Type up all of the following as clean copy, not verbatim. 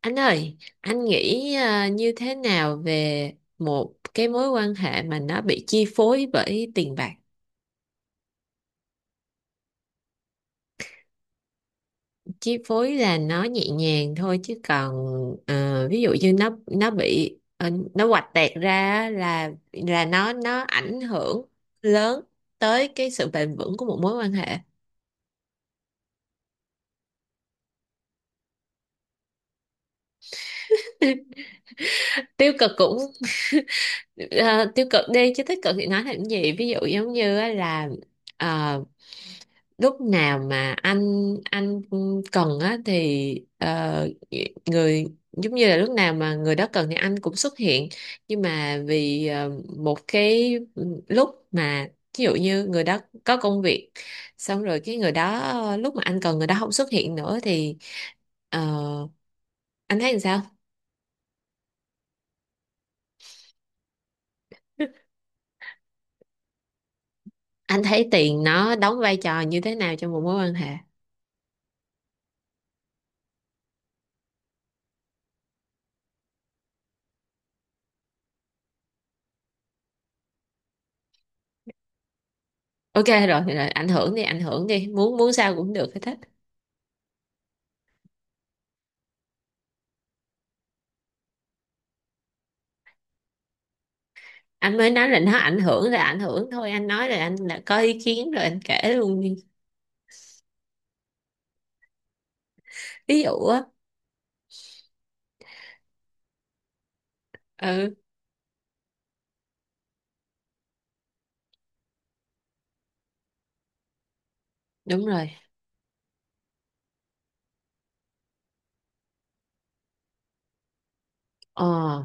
Anh ơi, anh nghĩ như thế nào về một cái mối quan hệ mà nó bị chi phối bởi tiền bạc? Chi phối là nó nhẹ nhàng thôi chứ còn ví dụ như nó bị nó huạch tẹt ra á, là nó ảnh hưởng lớn tới cái sự bền vững của một mối quan hệ. Tiêu cực cũng Ờ, tiêu cực đi chứ tích cực thì nói làm gì, ví dụ giống như á là ờ, lúc nào mà anh cần á thì người, giống như là lúc nào mà người đó cần thì anh cũng xuất hiện, nhưng mà vì một cái lúc mà ví dụ như người đó có công việc xong rồi cái người đó lúc mà anh cần người đó không xuất hiện nữa thì ờ, anh thấy làm sao? Anh thấy tiền nó đóng vai trò như thế nào trong một mối quan hệ? Ok, rồi rồi, ảnh hưởng đi, ảnh hưởng đi, muốn muốn sao cũng được hết, thích anh mới nói là nó ảnh hưởng là ảnh hưởng thôi, anh nói là anh là có ý kiến rồi anh kể luôn đi. Ví dụ á. Ừ, đúng rồi. Ờ.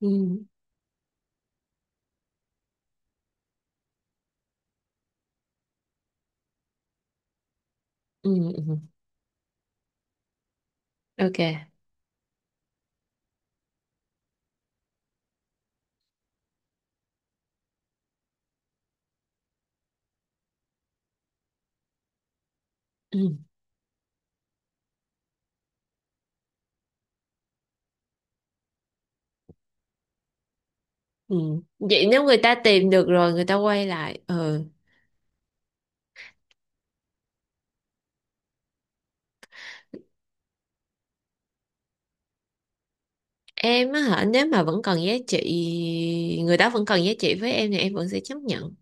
Ừ, ừ, ừ. Ok. Ừ, ừ. Vậy nếu người ta tìm được rồi người ta quay lại, ừ, em á hả, nếu mà vẫn còn giá trị, người đó vẫn còn giá trị với em thì em vẫn sẽ chấp nhận.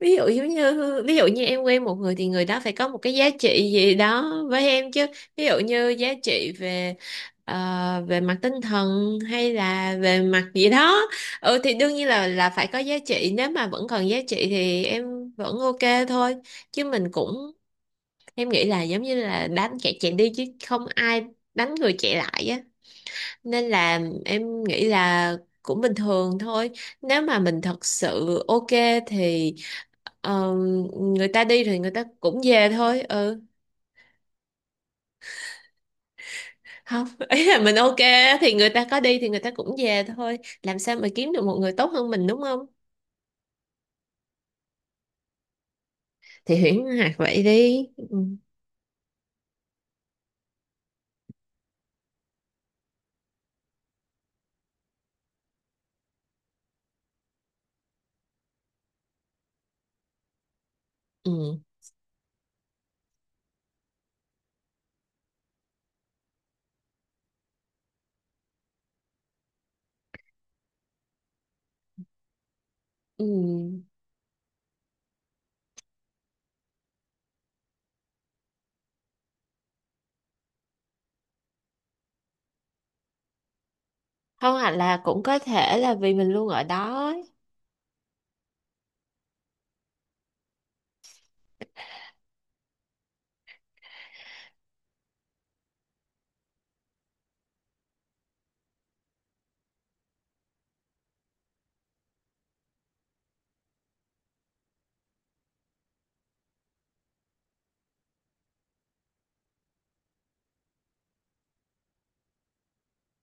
Ví dụ giống như, ví dụ như em quen một người thì người đó phải có một cái giá trị gì đó với em chứ. Ví dụ như giá trị về về mặt tinh thần hay là về mặt gì đó, ừ thì đương nhiên là phải có giá trị, nếu mà vẫn còn giá trị thì em vẫn ok thôi. Chứ mình cũng, em nghĩ là giống như là đánh kẻ chạy đi chứ không ai đánh người chạy lại á, nên là em nghĩ là cũng bình thường thôi, nếu mà mình thật sự ok thì Ờ, người ta đi thì người ta cũng về thôi. Ừ, không. Ý là mình ok á, thì người ta có đi thì người ta cũng về thôi, làm sao mà kiếm được một người tốt hơn mình, đúng không? Thì huyễn hoặc vậy đi, ừ. Ừ. Ừ. Không, hoặc là cũng có thể là vì mình luôn ở đó ấy.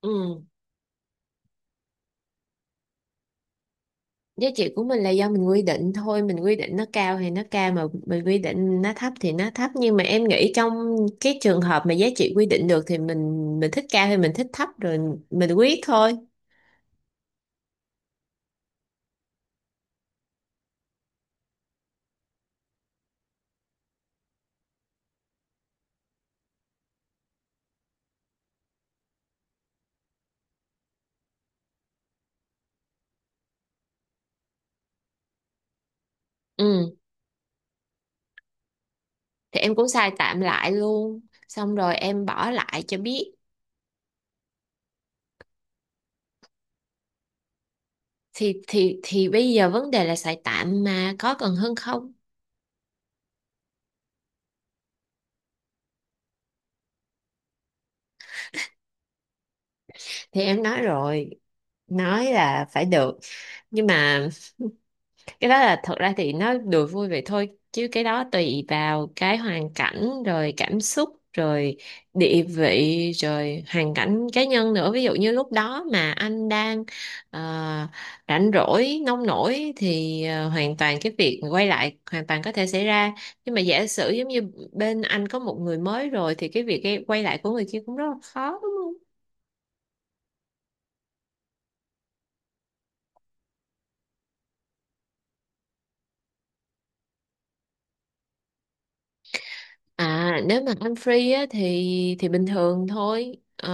Ừ. Giá trị của mình là do mình quy định thôi, mình quy định nó cao thì nó cao, mà mình quy định nó thấp thì nó thấp, nhưng mà em nghĩ trong cái trường hợp mà giá trị quy định được thì mình thích cao thì mình thích, thấp rồi mình quyết thôi. Ừ, thì em cũng xài tạm lại luôn, xong rồi em bỏ lại cho biết. Thì bây giờ vấn đề là xài tạm mà có cần hơn không? Thì em nói rồi, nói là phải được, nhưng mà cái đó là thật ra thì nó đùa vui vậy thôi, chứ cái đó tùy vào cái hoàn cảnh rồi cảm xúc rồi địa vị rồi hoàn cảnh cá nhân nữa. Ví dụ như lúc đó mà anh đang ờ, rảnh rỗi nông nổi thì hoàn toàn cái việc quay lại hoàn toàn có thể xảy ra, nhưng mà giả sử giống như bên anh có một người mới rồi thì cái việc quay lại của người kia cũng rất là khó, đúng không? À nếu mà ăn free á, thì bình thường thôi. Ờ,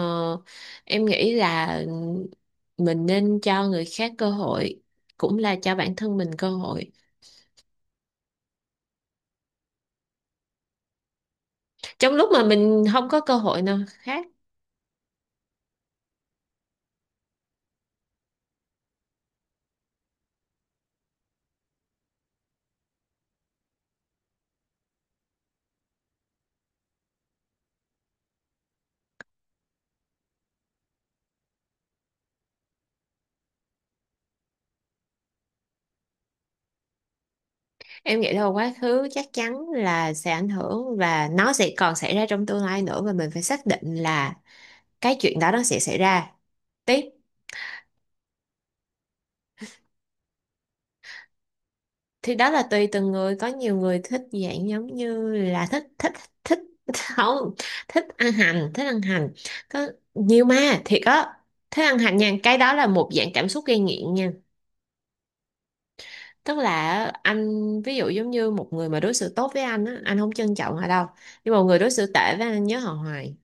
em nghĩ là mình nên cho người khác cơ hội, cũng là cho bản thân mình cơ hội. Trong lúc mà mình không có cơ hội nào khác, em nghĩ là quá khứ chắc chắn là sẽ ảnh hưởng và nó sẽ còn xảy ra trong tương lai nữa, và mình phải xác định là cái chuyện đó nó sẽ xảy ra. Tiếp thì đó là tùy từng người, có nhiều người thích dạng giống như là thích thích thích. Không, thích ăn hành, thích ăn hành, có nhiều mà thiệt á. Thích ăn hành nha, cái đó là một dạng cảm xúc gây nghiện nha. Tức là anh ví dụ giống như một người mà đối xử tốt với anh á, anh không trân trọng họ đâu, nhưng mà một người đối xử tệ với anh nhớ họ hoài.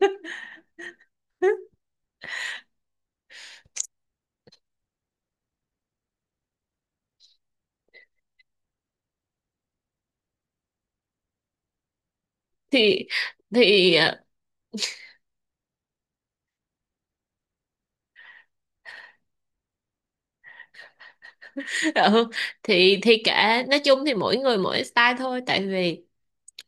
thì thì ờ, ừ, thì kệ, nói chung thì mỗi người mỗi style thôi. Tại vì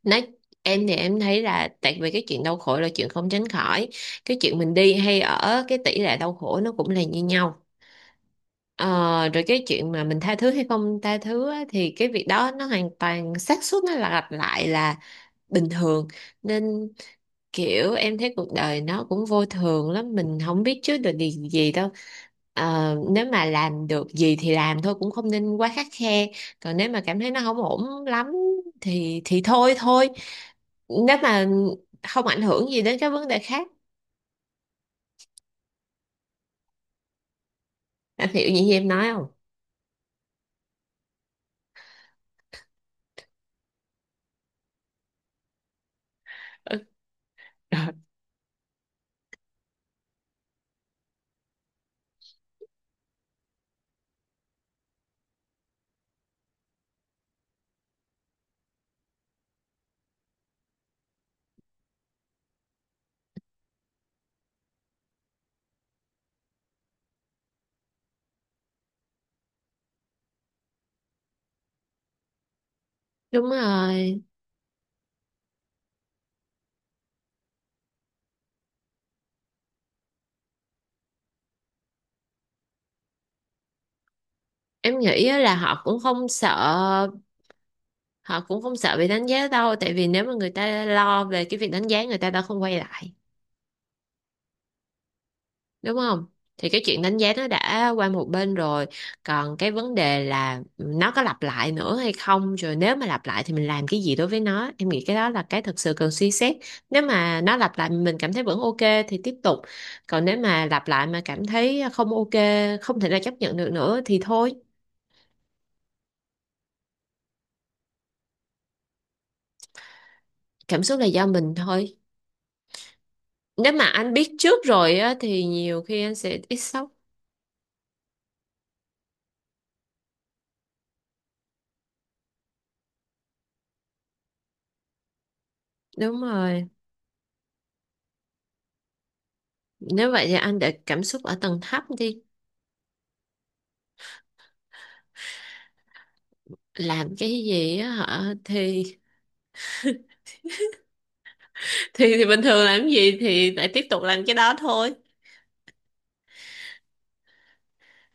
nói, em thì em thấy là tại vì cái chuyện đau khổ là chuyện không tránh khỏi, cái chuyện mình đi hay ở cái tỷ lệ đau khổ nó cũng là như nhau. Ờ, rồi cái chuyện mà mình tha thứ hay không tha thứ á, thì cái việc đó nó hoàn toàn, xác suất nó là lặp lại là bình thường. Nên kiểu em thấy cuộc đời nó cũng vô thường lắm, mình không biết trước được điều gì đâu. Ờ, nếu mà làm được gì thì làm thôi, cũng không nên quá khắt khe, còn nếu mà cảm thấy nó không ổn lắm thì thôi thôi nếu mà không ảnh hưởng gì đến các vấn đề khác. Anh hiểu những gì em nói không? Ừ. Đúng rồi, em nghĩ á là họ cũng không sợ, họ cũng không sợ bị đánh giá đâu, tại vì nếu mà người ta lo về cái việc đánh giá người ta đã không quay lại. Đúng không? Thì cái chuyện đánh giá nó đã qua một bên rồi, còn cái vấn đề là nó có lặp lại nữa hay không, rồi nếu mà lặp lại thì mình làm cái gì đối với nó, em nghĩ cái đó là cái thực sự cần suy xét. Nếu mà nó lặp lại mình cảm thấy vẫn ok thì tiếp tục, còn nếu mà lặp lại mà cảm thấy không ok, không thể nào chấp nhận được nữa thì thôi. Cảm xúc là do mình thôi, nếu mà anh biết trước rồi á, thì nhiều khi anh sẽ ít sốc. Đúng rồi, nếu vậy thì anh để cảm xúc ở tầng thấp đi. Làm cái gì á hả, thì bình thường làm gì thì lại tiếp tục làm cái đó thôi,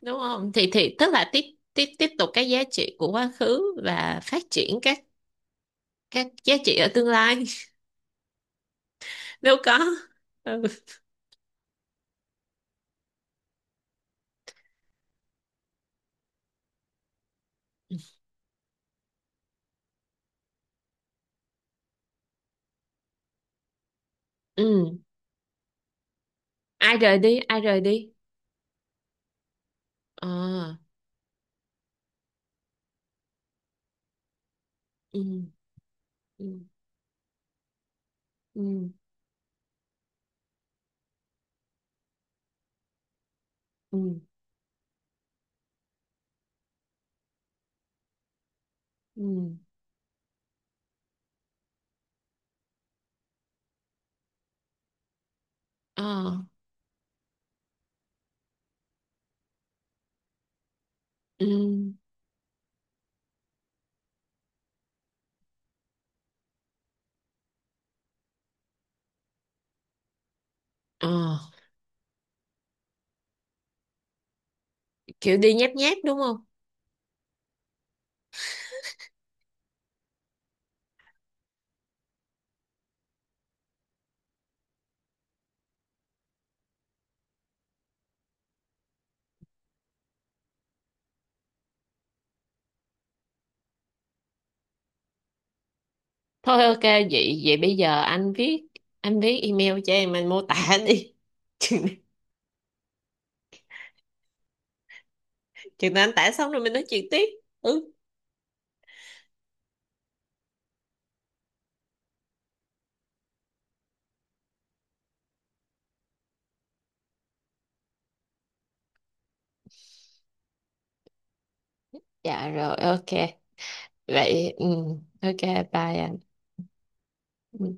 đúng không? Thì tức là tiếp tiếp tiếp tục cái giá trị của quá khứ và phát triển các giá trị ở tương lai. Nếu có, ừ. Ừ, ai rời đi? Ờ. Ừ. Ừ. Ừ. Ừ. Ừ. Ờ. Ừ. Ờ, kiểu đi nháp nháp, đúng không? Thôi ok, vậy vậy bây giờ anh viết, anh viết email cho em, anh mô tả đi. chừng chừng nào anh tả xong rồi mình nói chuyện tiếp. Ừ. Dạ rồi, ok. Vậy, ừ, ok, bye anh. Ừ.